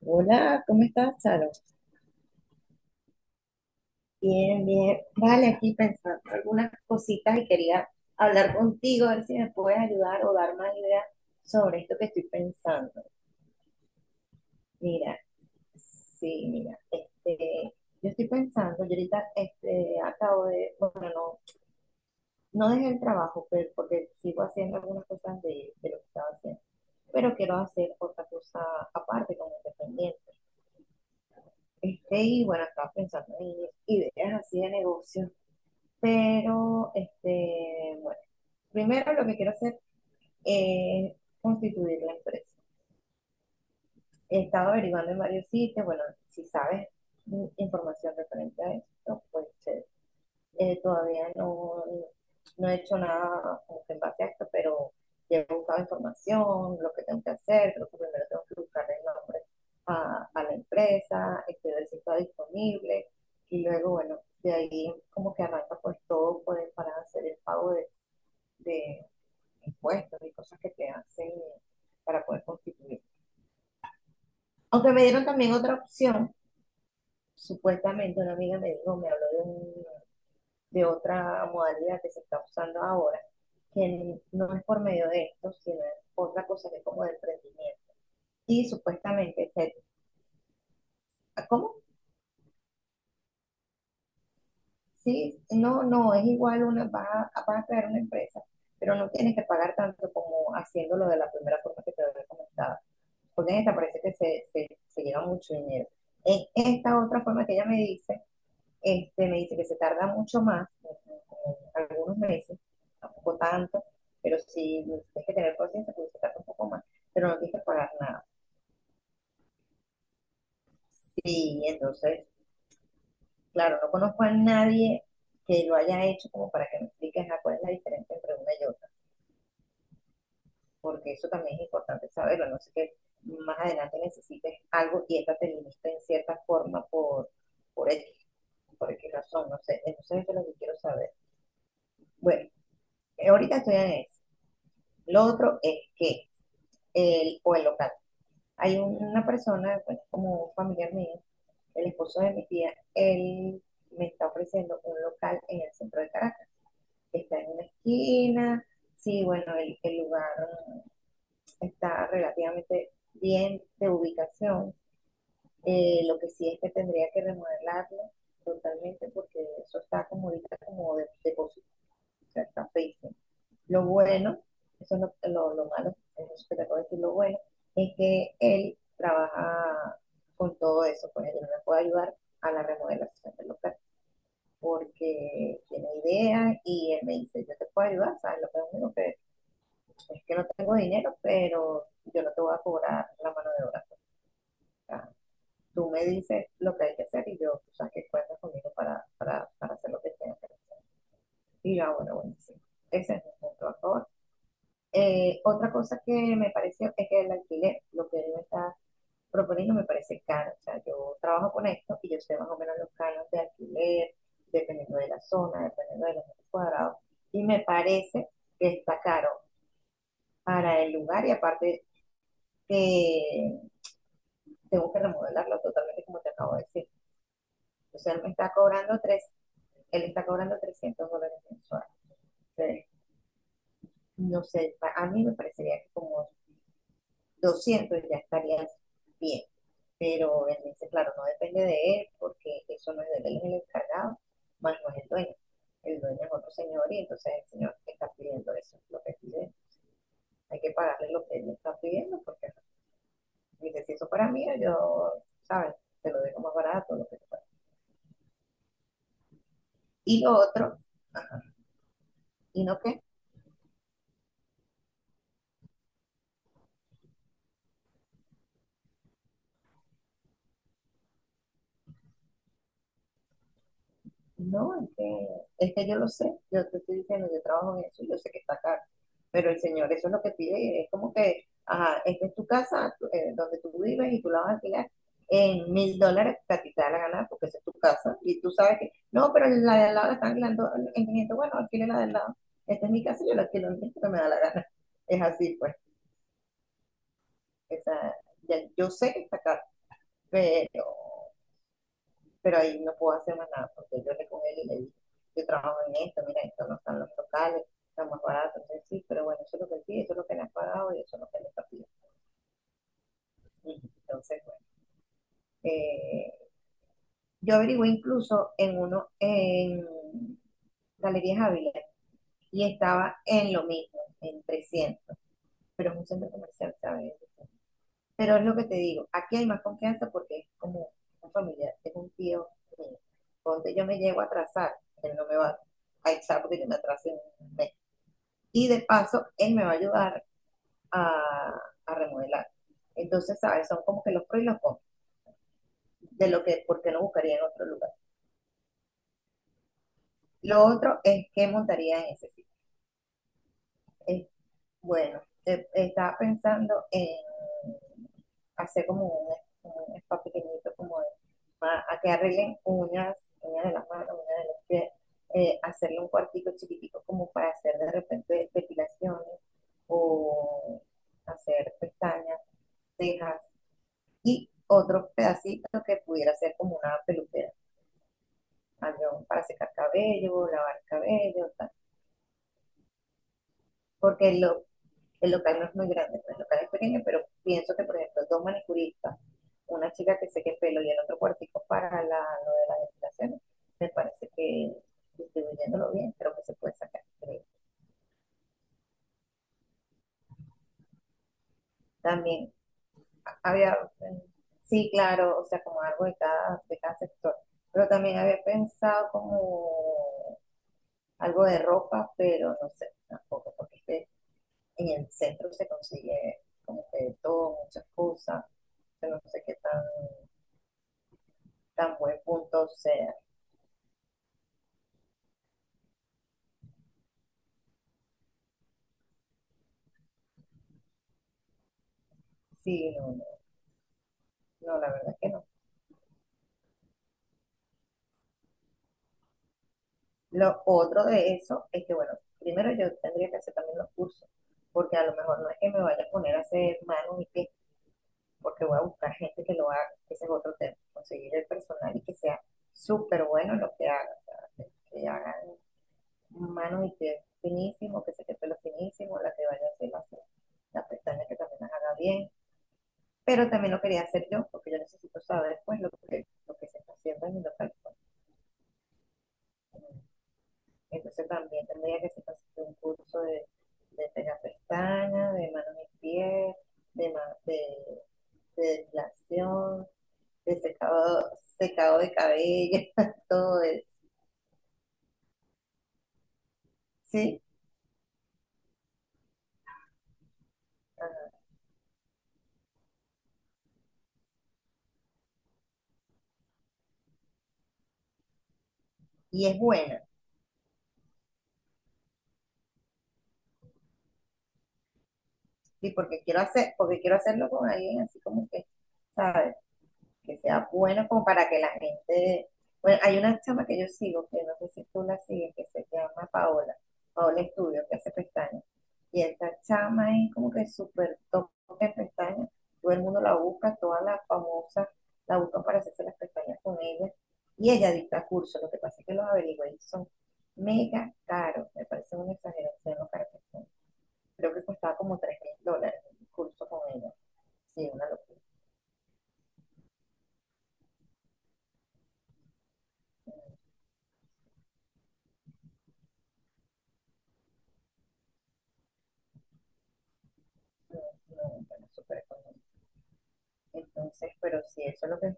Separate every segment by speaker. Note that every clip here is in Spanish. Speaker 1: Hola, ¿cómo estás, Charo? Bien, bien. Vale, aquí pensando algunas cositas y quería hablar contigo, a ver si me puedes ayudar o dar más ideas sobre esto que estoy pensando. Mira, sí, mira, yo estoy pensando, yo ahorita acabo de, bueno, no, no dejé el trabajo, pero porque sigo haciendo algunas cosas de lo que estaba haciendo, pero quiero hacer otra cosa aparte como independiente. Y bueno, estaba pensando en ideas así de negocios. Pero, bueno, primero lo que quiero hacer es constituir la empresa. He estado averiguando en varios sitios. Bueno, si sabes información referente a esto, pues todavía no, no he hecho nada como que en base a esto, pero ya he buscado información, lo que tengo que hacer. Creo que primero tengo que buscar el nombre a la empresa, ver si está disponible, y luego, bueno, de ahí como que arranca pues todo pues, para hacer el pago de impuestos y cosas que te hacen para poder constituir. Aunque me dieron también otra opción, supuestamente una amiga me dijo, me habló de, de otra modalidad que se está usando ahora, que no es por medio de esto, sino es otra cosa que es como de emprendimiento. Y supuestamente, ¿cómo? Sí, no, no, es igual, una, vas a crear una empresa, pero no tienes que pagar tanto como haciéndolo de la primera forma que te había comentado, porque en esta parece que se lleva mucho dinero. En esta otra forma que ella me dice, me dice que se tarda mucho más, algunos meses, tampoco tanto, pero sí tienes que tener paciencia porque se tarda un poco más, pero no tienes que pagar nada. Sí, entonces, claro, no conozco a nadie que lo haya hecho como para que me expliques a cuál es la diferencia entre una y otra, porque eso también es importante saberlo. No sé que más adelante necesites algo y esta te limita en cierta forma por X. ¿Por qué razón? No sé. Entonces eso es lo que quiero saber. Bueno, ahorita estoy en eso. Lo otro es que el, o el local. Hay una persona, bueno, como un familiar mío, el esposo de mi tía, él me está ofreciendo un local en el centro de Caracas, que está en una esquina. Sí, bueno, el lugar está relativamente bien de ubicación. Lo que sí es que tendría que remodelarlo totalmente porque eso está como ahorita como depósito, o sea está feísimo. Lo bueno, eso es lo malo, eso que te acabo de decir. Lo bueno es que él trabaja con todo eso, pues él me puede ayudar a la remodelación del local, porque tiene ideas y él me dice, yo te puedo ayudar, ¿sabes? Lo que es único que es que no tengo dinero, pero yo no te voy a cobrar la mano de obra. O sea, tú me dices lo que hay que hacer y yo, tú sabes que cuentas conmigo para hacer lo que tengo que hacer. Y yo, ah, bueno, buenísimo. Ese es mi punto a favor. Otra cosa que me pareció es que el alquiler, lo que él me está proponiendo, me parece caro. O sea, yo trabajo con esto y yo sé más o menos los canos de alquiler, dependiendo de la zona, dependiendo de los metros cuadrados. Y me parece que está caro para el lugar y aparte que tengo que remodelarlo totalmente como te acabo de decir. O sea, él está cobrando $300 mensuales. Entonces, no sé, a mí me parecería que como 200 ya estarías bien. Pero él dice, claro, no depende de él, porque eso no es de él, es el encargado, más no es el dueño. El dueño es otro señor y entonces el señor está pidiendo eso, lo que pide. Hay que pagarle lo que él está pidiendo, porque dice, si eso para mí, yo, ¿sabes? Te lo dejo más barato, lo que sea. Y lo otro, y no qué. No, es que yo lo sé, yo te estoy diciendo, yo trabajo en eso y yo sé que está caro, pero el señor eso es lo que pide y es como que, ajá, esta es tu casa donde tú vives y tú la vas a alquilar en $1,000 que a ti te da la gana porque esa es tu casa y tú sabes que, no, pero la de al lado la están alquilando en 500. Bueno, alquile la de al lado, esta es mi casa y yo la alquilo en 500 que me da la gana, es así pues. esa, yo sé que está caro, pero pero ahí no puedo hacer más nada porque yo le con él y le dije, yo trabajo en esto, mira, esto no están los locales, están más baratos, entonces sí, pero bueno, eso es lo que él pide, eso es lo que le has pagado y eso es lo que le está pidiendo. Entonces, bueno, eh, yo averigué incluso en uno, en Galerías Ávila, y estaba en lo mismo, en 300, pero es un centro comercial, ¿sabes? Pero es lo que te digo, aquí hay más confianza porque es como un familiar, es un tío mío. Donde yo me llego a atrasar, él no me va a echar porque yo me atrasé un mes. Y de paso, él me va a ayudar a, a remodelar. Entonces, ¿sabes? Son como que los pros y los contras de lo que, porque no buscaría en otro lugar. Lo otro es que montaría en ese sitio. Es bueno, estaba pensando en hacer como un spa pequeñito, como a que arreglen uñas, uñas de las manos, uñas de los pies, hacerle un cuartico chiquitico como para hacer de repente depilaciones o hacer pestañas, cejas y otro pedacito que pudiera ser como una peluquera, algo para secar cabello, lavar cabello, tal. Porque lo el local no es muy grande, pues, el local es pequeño, pero pienso que, por ejemplo, dos manicuristas, una chica que seque el pelo y el otro cuartico para la, lo de las depilaciones, me parece que distribuyéndolo bien, creo que se puede sacar. También había, sí, claro, o sea, como algo de cada sector, pero también había pensado como algo de ropa, pero no sé, tampoco, porque es en el centro se consigue como que de todo, muchas cosas, yo no sé qué tan tan buen punto sea. Sí, no, no, no, la verdad que no. Lo otro de eso es que, bueno, primero yo tendría que hacer también los cursos, porque a lo mejor no es que me vaya a poner a hacer manos y pies, porque voy a buscar gente que lo haga, que ese es otro tema, conseguir el personal y que sea súper bueno en lo que haga, o sea, que hagan manos y pies finísimo, que se te pelo finísimo, la que vaya a hacer las pestañas que también las haga bien, pero también lo quería hacer yo, porque yo necesito saber pues lo que se está haciendo en mi local. Entonces también tendría que hacer un curso de pega pestañas, de manos y pies, de, de, de depilación, de secado, secado de cabello, todo eso. Sí, ajá. Y es buena, sí, porque quiero hacer, porque quiero hacerlo con alguien así como que, ¿sabes? Que sea bueno como para que la gente... Bueno, hay una chama que yo sigo, que no sé si tú la sigues, que se llama Paola, Paola Estudio, que hace pestañas. Y esa chama es como que súper top de pestañas. Todo el mundo la busca, todas las famosas la buscan para hacerse las pestañas con ella. Y ella dicta cursos, lo que pasa es que los averigué y son mega caros. Me parece un exageración lo caros que son. Creo que costaba como $3,000 el curso con ella. Sí, una locura. No, no, no, no, súper económico. Entonces, pero sí, eso es lo que,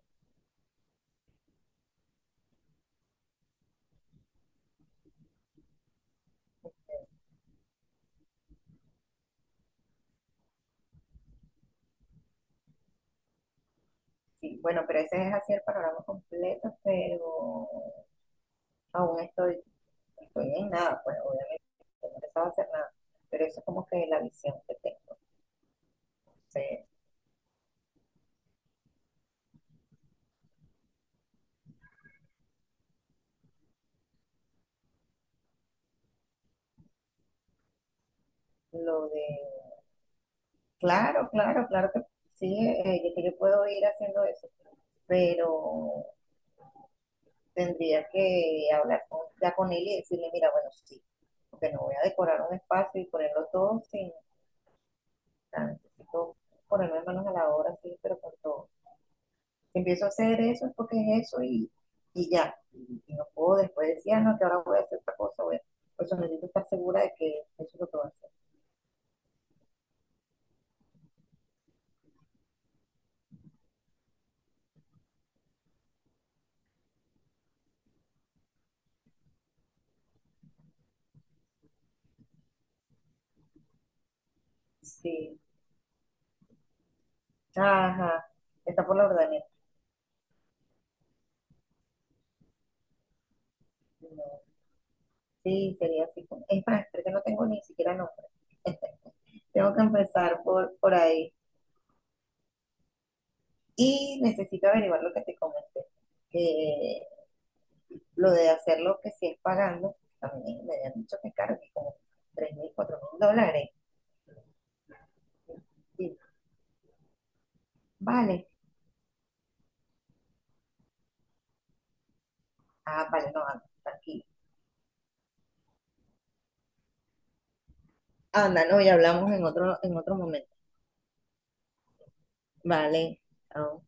Speaker 1: sí, bueno, pero ese es así el panorama completo, pero aún estoy, estoy en nada, pues obviamente no he empezado a hacer nada, pero eso es como que la visión que tengo. Entonces, lo de, claro, claro, claro que sí, que yo puedo ir haciendo eso, pero tendría que hablar con, ya con él y decirle, mira, bueno, sí, porque no voy a decorar un espacio y ponerlo todo sin, o sea, necesito ponerme manos a la obra, sí, pero con todo. Si empiezo a hacer eso es porque es eso y ya. No puedo después decir, ah, no, que ahora voy a hacer otra cosa. Voy a... Por eso necesito estar segura de que eso es lo que voy a hacer. Sí. Ajá. Está por la ordeneta. No. Sí, sería así. Es más, creo que no tengo ni siquiera nombre. Tengo que empezar por ahí. Y necesito averiguar lo que te comenté. Que lo de hacer lo que sí es pagando, también me habían dicho que es caro, que como $3,000, $4,000. Sí. Vale, ah, vale, no, anda, tranquilo. Anda, no, ya hablamos en otro momento. Vale, chao.